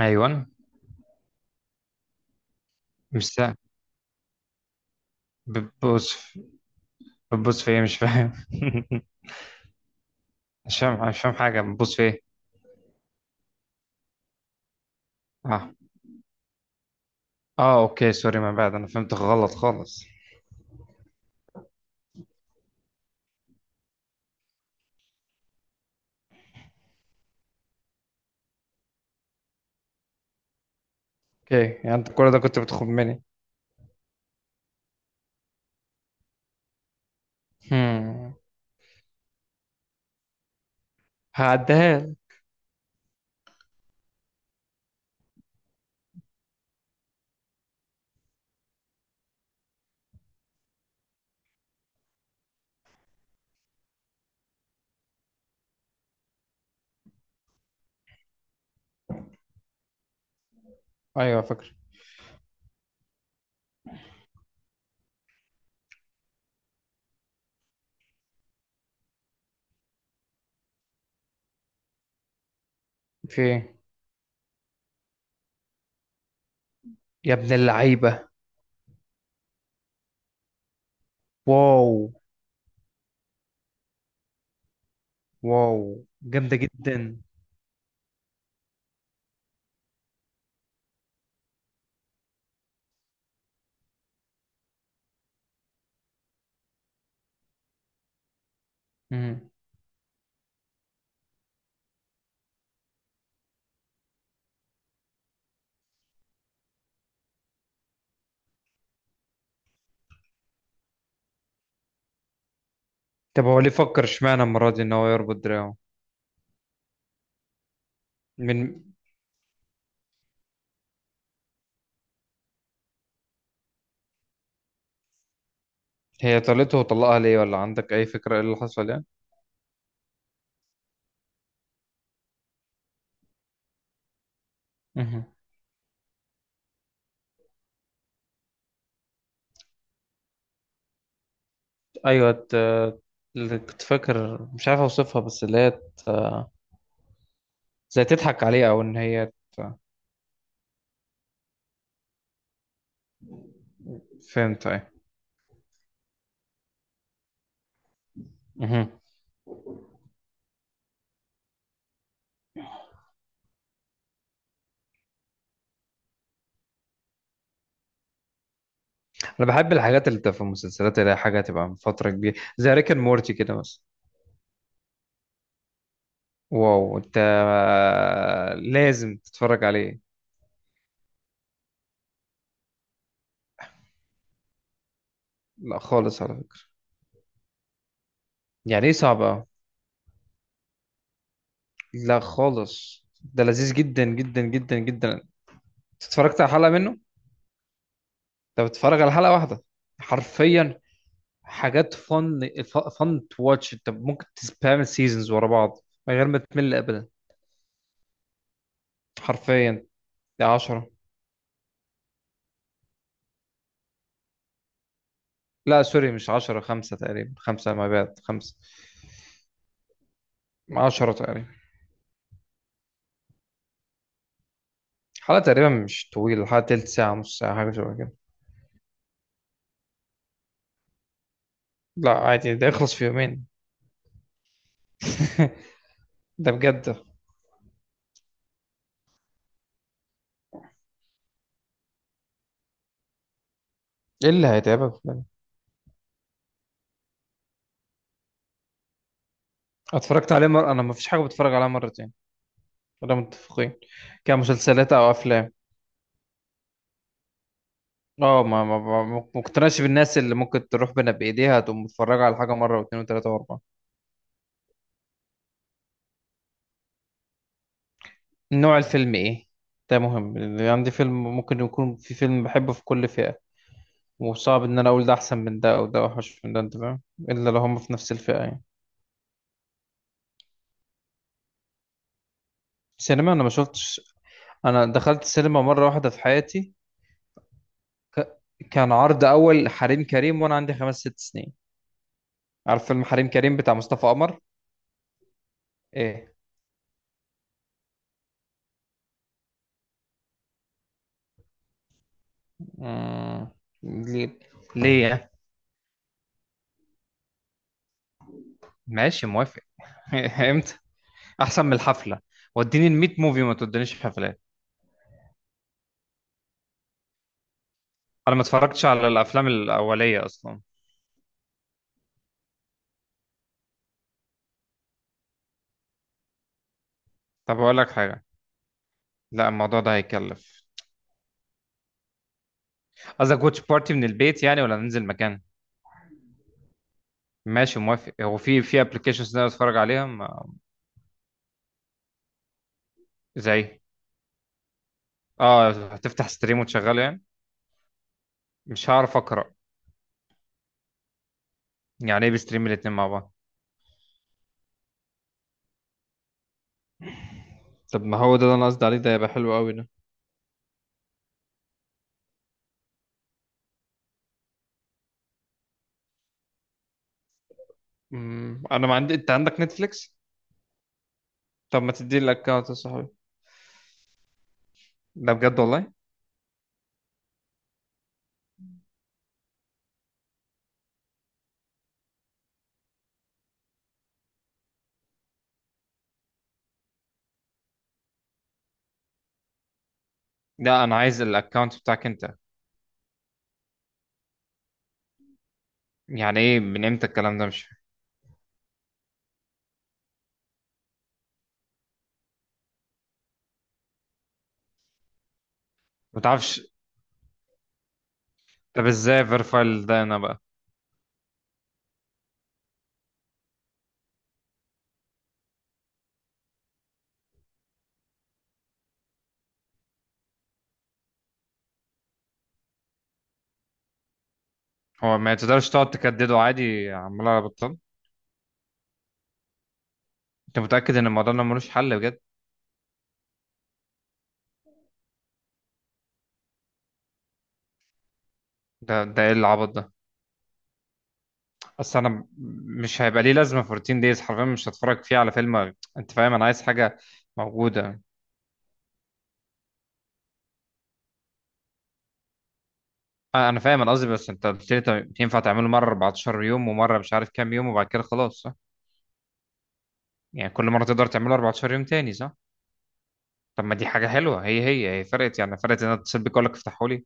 ايوه. مش سهل. بتبص في- بتبص في ايه؟ مش فاهم. مش فاهم حاجه. بتبص في ايه؟ اه. اه، اوكي سوري، ما بعد انا فهمت غلط خالص. اوكي، يعني انت كل ده كنت بتخم مني؟ هم. هعديها لك. ايوه فاكر. في ايه؟ يا ابن اللعيبه! واو. واو، جامده جدا. مم. طب هو ليه فكر، اشمعنى المره دي ان هو يربط دراعه؟ من. هي طلته وطلقها ليه، ولا عندك اي فكره ايه اللي حصل يعني؟ مهم. ايوه. اللي كنت فاكر مش عارف اوصفها، بس زي تضحك عليه، او فهمت ايه. مهم. انا بحب الحاجات اللي بتبقى في المسلسلات اللي هي حاجه تبقى من فتره كبيره، زي ريك اند مورتي كده مثلا. واو، انت لازم تتفرج عليه. لا خالص على فكره. يعني ايه صعبه؟ لا خالص، ده لذيذ جدا جدا جدا جدا. أنت اتفرجت على حلقه منه؟ انت بتتفرج على حلقه واحده؟ حرفيا حاجات فن. فن تو واتش. انت ممكن تسبام سيزونز ورا بعض من غير ما تمل ابدا. حرفيا ده 10. لا سوري، مش 10، خمسة تقريبا، خمسة ما بعد خمسة. 10 تقريبا. حلقة تقريبا مش طويلة، حلقة تلت ساعة، نص ساعة، حاجة شبه كده. لا عادي، ده يخلص في يومين. ده بجد. ايه اللي هيتعبك يعني؟ اتفرجت عليه مرة، انا ما فيش حاجة بتفرج عليها مرتين، ولا متفقين؟ كمسلسلات او افلام. اه، ما كنتناش بالناس اللي ممكن تروح بنا بايديها تقوم متفرجه على حاجه مره واثنين وثلاثه واربعه. نوع الفيلم ايه؟ ده مهم. اللي عندي، فيلم ممكن يكون في فيلم بحبه في كل فئه، وصعب ان انا اقول ده احسن من ده او ده اوحش من ده، انت فاهم؟ الا لو هم في نفس الفئه يعني. سينما انا ما شفتش. انا دخلت السينما مره واحده في حياتي. ك... كان عرض اول حريم كريم وانا عندي خمس ست سنين. عارف فيلم حريم كريم بتاع مصطفى قمر؟ ايه. مم... ليه؟ ليه يعني؟ ماشي موافق. امتى؟ احسن من الحفله. وديني ال 100 موفي ما تودينيش حفلات. انا ما اتفرجتش على الافلام الاوليه اصلا. طب اقول لك حاجه. لا، الموضوع ده هيكلف. قصدك واتش بارتي من البيت يعني، ولا ننزل مكان؟ ماشي موافق. هو في في ابلكيشنز نقدر اتفرج عليها ما... زي. اه، هتفتح ستريم وتشغله يعني. مش هعرف اقرا. يعني ايه بستريم الاتنين مع بعض؟ طب ما هو ده اللي انا قصدي عليه، ده يبقى حلو قوي ده. مم، انا ما عندي. انت عندك نتفليكس؟ طب ما تديني الاكونت يا صاحبي. ده بجد والله. لا، انا عايز الاكونت بتاعك انت. يعني ايه، من امتى الكلام ده؟ مش فاهم. ما تعرفش. طب ازاي فيرفايل ده انا بقى؟ هو ما تقدرش تقعد تكدده عادي عمال على بطال؟ انت متأكد ان الموضوع ده ملوش حل بجد؟ ده ايه العبط ده؟ اصل انا م- مش هيبقى ليه لازمة في روتين دايز، حرفيا مش هتفرج فيه على فيلم، انت فاهم؟ انا عايز حاجة موجودة. آه، انا فاهم. انا قصدي، بس انت قلت لي طب ينفع تعمله مرة 14 يوم ومرة مش عارف كام يوم وبعد كده خلاص، صح؟ يعني كل مرة تقدر تعمله 14 يوم تاني، صح؟ طب ما دي حاجة حلوة. هي فرقت يعني، فرقت ان انا اتصل بيك اقول لك افتحوا لي.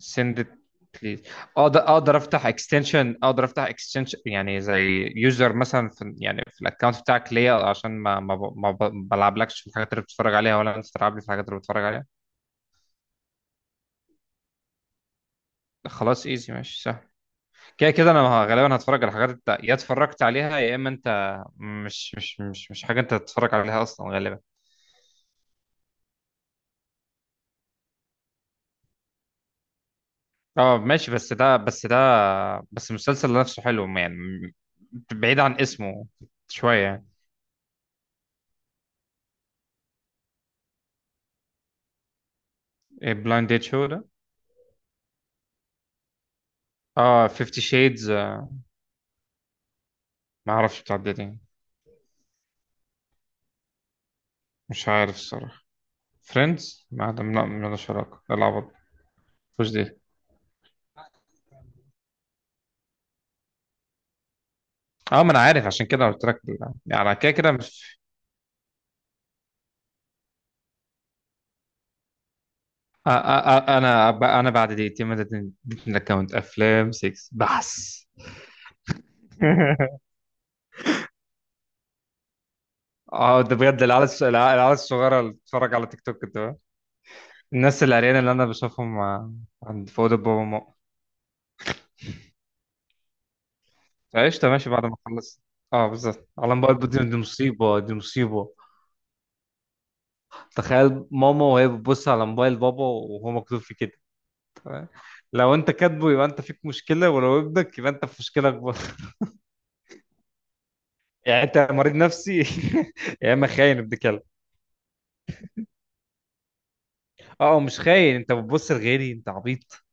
send it please. اقدر، اقدر افتح اكستنشن، اقدر افتح اكستنشن يعني زي يوزر مثلا، في يعني في الاكونت بتاعك ليا عشان ما ما ب- ما ب- بلعبلكش في الحاجات اللي بتتفرج عليها، ولا انت تلعب لي في الحاجات اللي بتتفرج عليها. خلاص ايزي، ماشي سهل. كده كده انا غالبا هتفرج على الحاجات يا اتفرجت عليها، يا اما انت مش حاجه انت تتفرج عليها اصلا غالبا. اه ماشي، بس ده بس المسلسل نفسه حلو يعني بعيد عن اسمه شويه يعني. بلايند ديت شو ده؟ اه 50 شيدز؟ ما اعرفش بتاع الداتينج. مش عارف الصراحه. فريندز ما عندهم، لا مالهاش علاقه، لا العبط. مش دي. اه ما انا عارف، عشان كده قلت لك يعني على كده كده مش. انا بعد دقيقتين ما اديتني، اديتني الاكونت افلام 6 بس. اه ده بجد العيال العيال الصغيره اللي بتتفرج على تيك توك ده. الناس العريانه اللي انا بشوفهم، آه، عند في اوضه بابا وماما. فعشت ماشي بعد ما خلصت. اه بالظبط، على موبايل بابا، دي دي مصيبه، دي مصيبه. تخيل ماما وهي بتبص على موبايل بابا وهو مكتوب فيه كده. تمام؟ لو انت كاتبه يبقى انت فيك مشكله، ولو ابنك يبقى انت في مشكله اكبر. يعني انت مريض نفسي، يا اما خاين ابن كلب. اه هو مش خاين، انت بتبص لغيري انت عبيط.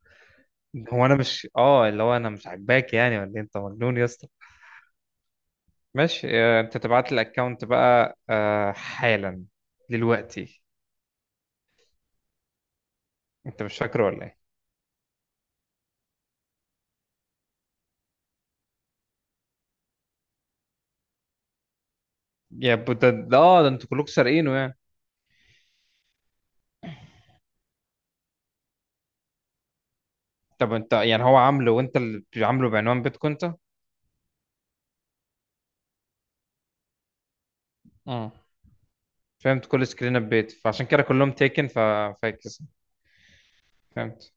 هو انا مش، اه اللي هو انا مش عاجباك يعني ولا إيه؟ انت مجنون يا اسطى. ماشي، آه، انت تبعت لي الاكونت بقى آه، حالا، دلوقتي. انت مش فاكره ولا ايه؟ يا ب- ده ده- اه ده انتوا كلكم سارقينه يعني؟ طب انت يعني هو عامله وانت اللي عامله بعنوان بيتكم انت؟ اه فهمت، كل سكرين بيت فعشان كده كلهم تيكن ففاكس. فهمت.